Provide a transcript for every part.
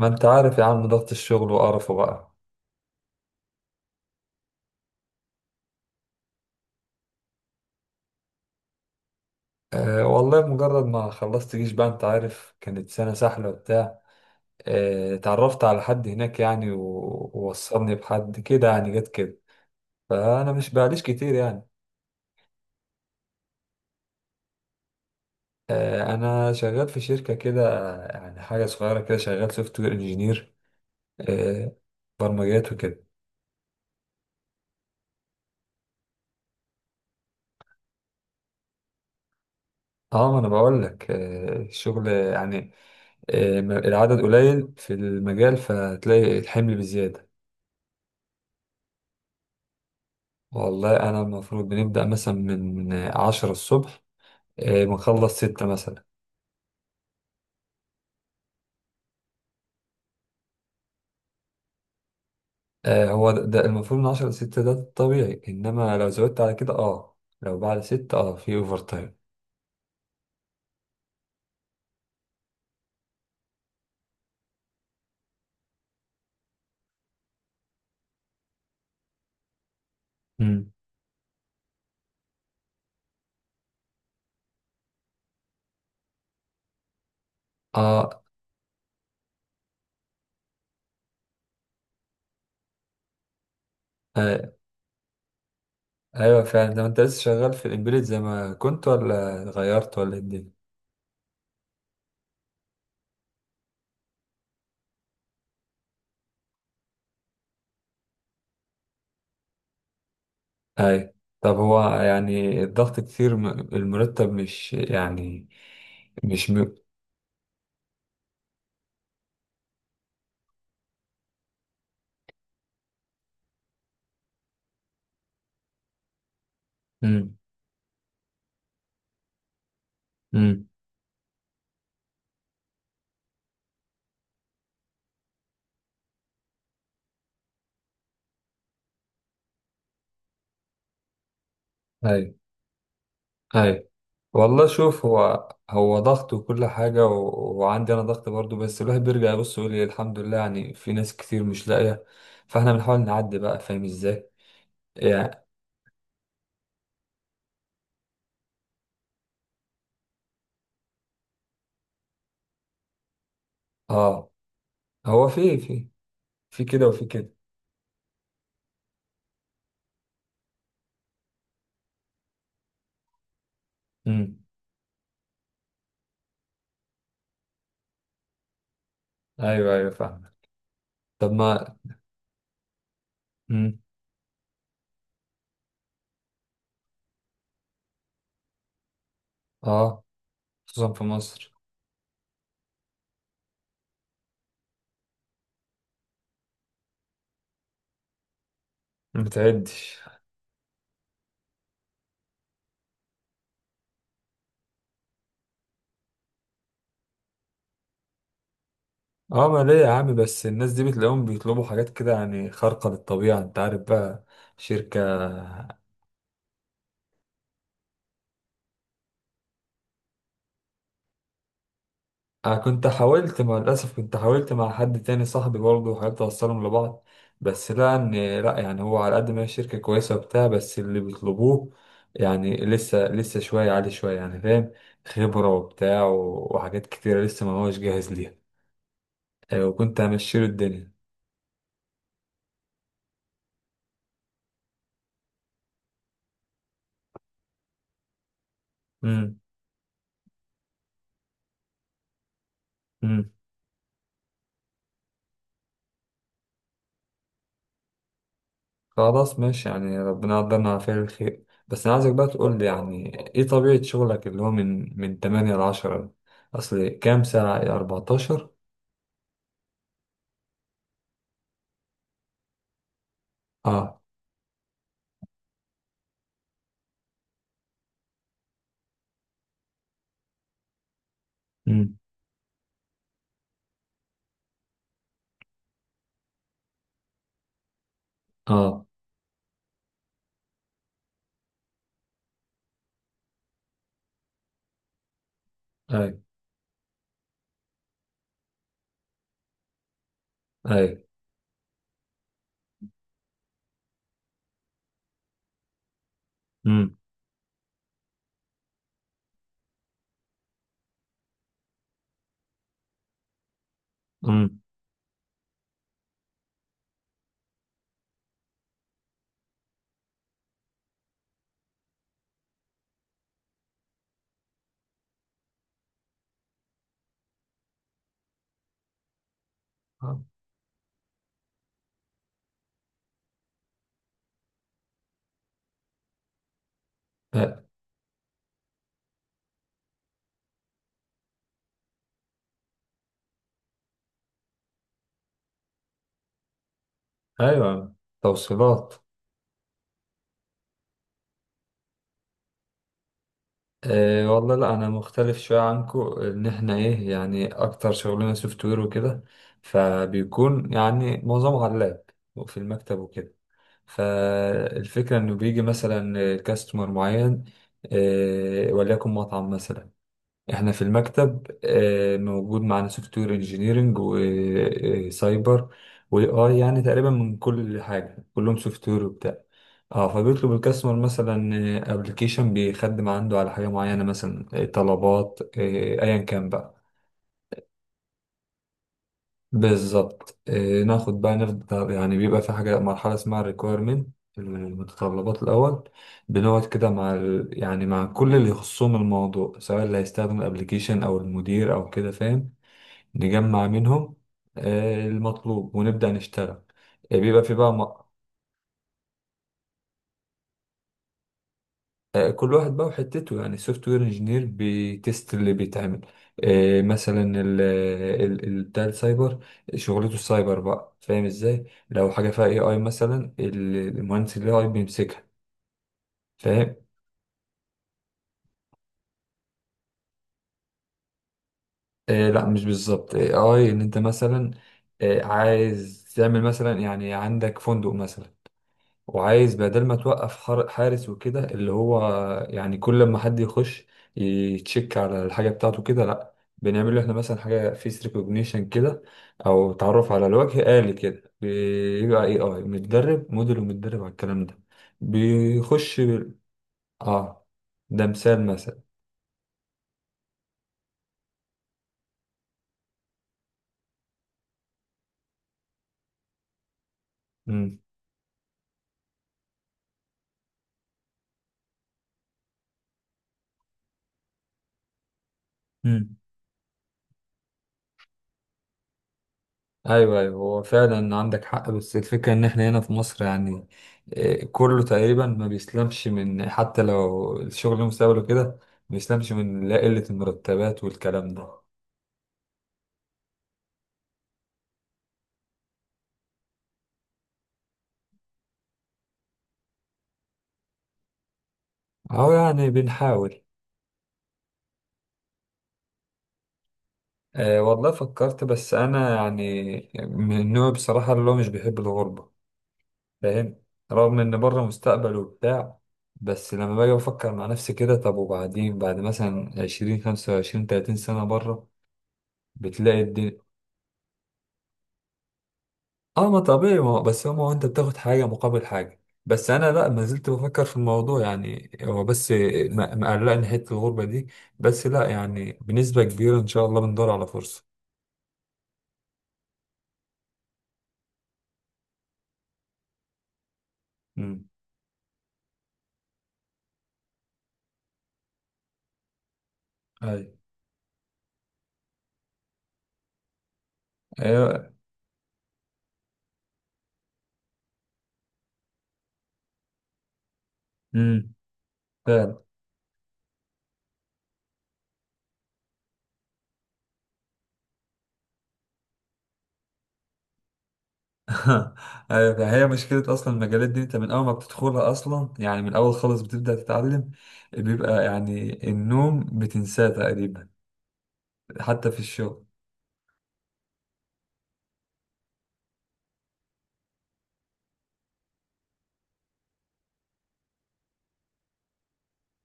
ما انت عارف يا عم، ضغط الشغل وقرفه بقى. أه، والله مجرد ما خلصت جيش بقى انت عارف، كانت سنة سحلة وبتاع. أه، اتعرفت على حد هناك يعني ووصلني بحد كده يعني جت كده. فأنا مش بقاليش كتير يعني. أه، أنا شغال في شركة كده، يعني حاجة صغيرة كده، شغال سوفت وير انجينير. أه، برمجيات وكده. اه، ما انا بقول لك، الشغل يعني. العدد قليل في المجال، فتلاقي الحمل بزيادة. والله أنا المفروض بنبدأ مثلا من 10 الصبح، بنخلص 6 مثلا. هو ده المفروض من 10 ل6، ده الطبيعي، إنما لو زودت على كده لو بعد 6 في أوفر تايم. مم. أه. آه،. أيوه فعلا. ده أنت لسه شغال في الإمبيدد زي ما كنت، ولا غيرت، ولا إيه الدنيا؟ أيوه. طب هو يعني الضغط كتير، المرتب مش يعني. مش م... مم. مم. أيوه. اي. والله شوف، هو ضغط وكل حاجة وعندي أنا ضغط برضو، بس الواحد بيرجع يبص يقول إيه، الحمد لله، يعني في ناس كتير مش لاقية. فاحنا بنحاول نعدي بقى، فاهم ازاي؟ يعني. اه. هو في كده وفي كده. امم. ايوه، ايوه، فاهم. طب ما. امم. اه. خصوصا في مصر. ما بتعدش. اه، ما ليه يا عم، بس الناس دي بتلاقيهم بيطلبوا حاجات كده يعني خارقة للطبيعة، انت عارف بقى. شركة. أنا كنت حاولت مع، للأسف كنت حاولت مع حد تاني صاحبي برضه، وحاولت أوصلهم لبعض. بس لقى إن، لأ، يعني هو على قد ما هي شركة كويسة وبتاع، بس اللي بيطلبوه يعني لسه شوية عالي شوية، يعني فاهم، خبرة وبتاع وحاجات كتيرة لسه ما هوش جاهز ليها. أيوة، وكنت همشيله الدنيا. امم. امم. خلاص، ماشي، يعني ربنا يقدرنا على فعل الخير. بس أنا عايزك بقى تقول لي يعني إيه طبيعة شغلك اللي هو من 8 ل 10؟ أصل كام ساعة، 14؟ اه. مم. اه. اي اي. امم. امم. آه،. ايوه. توصيلات. والله، لا، انا مختلف شويه عنكو، ان احنا ايه يعني، اكتر شغلنا سوفت وير وكده، فبيكون يعني معظمه على اللاب، وفي المكتب وكده. فالفكره انه بيجي مثلا كاستمر معين، وليكن مطعم مثلا. احنا في المكتب موجود معانا سوفت وير انجينيرنج، وسايبر، واي اي، يعني تقريبا من كل حاجه، كلهم سوفت وير وبتاع. اه، فبيطلب الكاستمر مثلا ابلكيشن بيخدم عنده على حاجه معينه، مثلا طلبات، ايا كان بقى. بالظبط. ناخد بقى، نفضل يعني بيبقى في حاجه مرحله اسمها ريكويرمنت، المتطلبات الاول. بنقعد كده مع يعني مع كل اللي يخصهم الموضوع، سواء اللي هيستخدم الابلكيشن او المدير او كده، فاهم. نجمع منهم المطلوب، ونبدأ نشتغل. بيبقى في بقى كل واحد بقى وحتته، يعني السوفت وير انجينير بيتست اللي بيتعمل، مثلا بتاع السايبر، شغلته السايبر بقى، فاهم ازاي؟ لو حاجة فيها اي اي مثلا، المهندس الاي اي بيمسكها. فاهم. لا، مش بالظبط. اي اي ان انت مثلا عايز تعمل مثلا يعني، عندك فندق مثلا، وعايز بدل ما توقف حارس وكده، اللي هو يعني كل ما حد يخش يتشيك على الحاجة بتاعته كده، لا، بنعمل له احنا مثلا حاجة فيس ريكوجنيشن كده، او تعرف على الوجه آلي كده. بيبقى اي اي متدرب، موديل ومتدرب على الكلام ده، بيخش اه، ده مثال مثلا. مم. ايوه، ايوه، هو فعلا عندك حق. بس الفكره ان احنا هنا في مصر يعني كله تقريبا ما بيسلمش، من حتى لو الشغل مستقبله كده ما بيسلمش من، لا قله المرتبات والكلام ده. اهو يعني بنحاول. أه، والله فكرت، بس انا يعني من النوع بصراحه اللي هو مش بيحب الغربه، فاهم. رغم ان بره مستقبل وبتاع، بس لما باجي بفكر مع نفسي كده، طب وبعدين، بعد مثلا 20، 25، 30 سنة بره، بتلاقي الدنيا. اه، ما طبيعي، ما هو- بس هو ما هو انت بتاخد حاجة مقابل حاجة. بس انا لا، ما زلت بفكر في الموضوع يعني، هو بس مقلقني حتة الغربة دي. بس لا، يعني بنسبة كبيرة ان شاء الله بندور على فرصة. امم. ايوه، ايوه. امم. فعلا. ايوه، فهي مشكلة اصلا المجالات دي، انت من اول ما بتدخلها اصلا يعني، من اول خالص بتبدأ تتعلم، بيبقى يعني النوم بتنساه تقريبا، حتى في الشغل.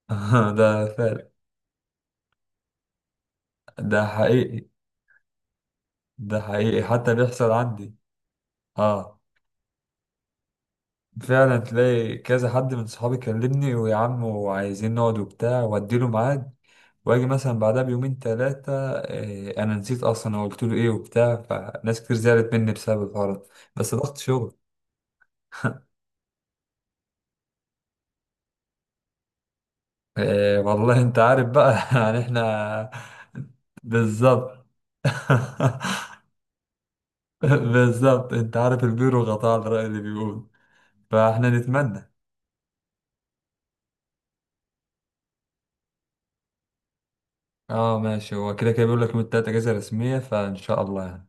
ده فعلا. ده حقيقي. ده حقيقي، حتى بيحصل عندي. اه، فعلا تلاقي كذا حد من صحابي كلمني، ويا عم وعايزين نقعد وبتاع، واديله ميعاد، واجي مثلا بعدها بيومين 3، إيه، انا نسيت اصلا انا قلت له ايه وبتاع. فناس كتير زعلت مني بسبب الحوار ده. بس ضغط شغل. إيه، والله انت عارف بقى يعني احنا. بالظبط. بالظبط. انت عارف البيرو غطاء على الرأي اللي بيقول. فاحنا نتمنى. اه، ماشي. هو كده كده بيقول لك يوم التلاتة اجازة رسمية، فان شاء الله يعني.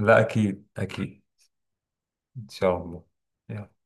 لا، أكيد، أكيد. إن شاء الله. يلا.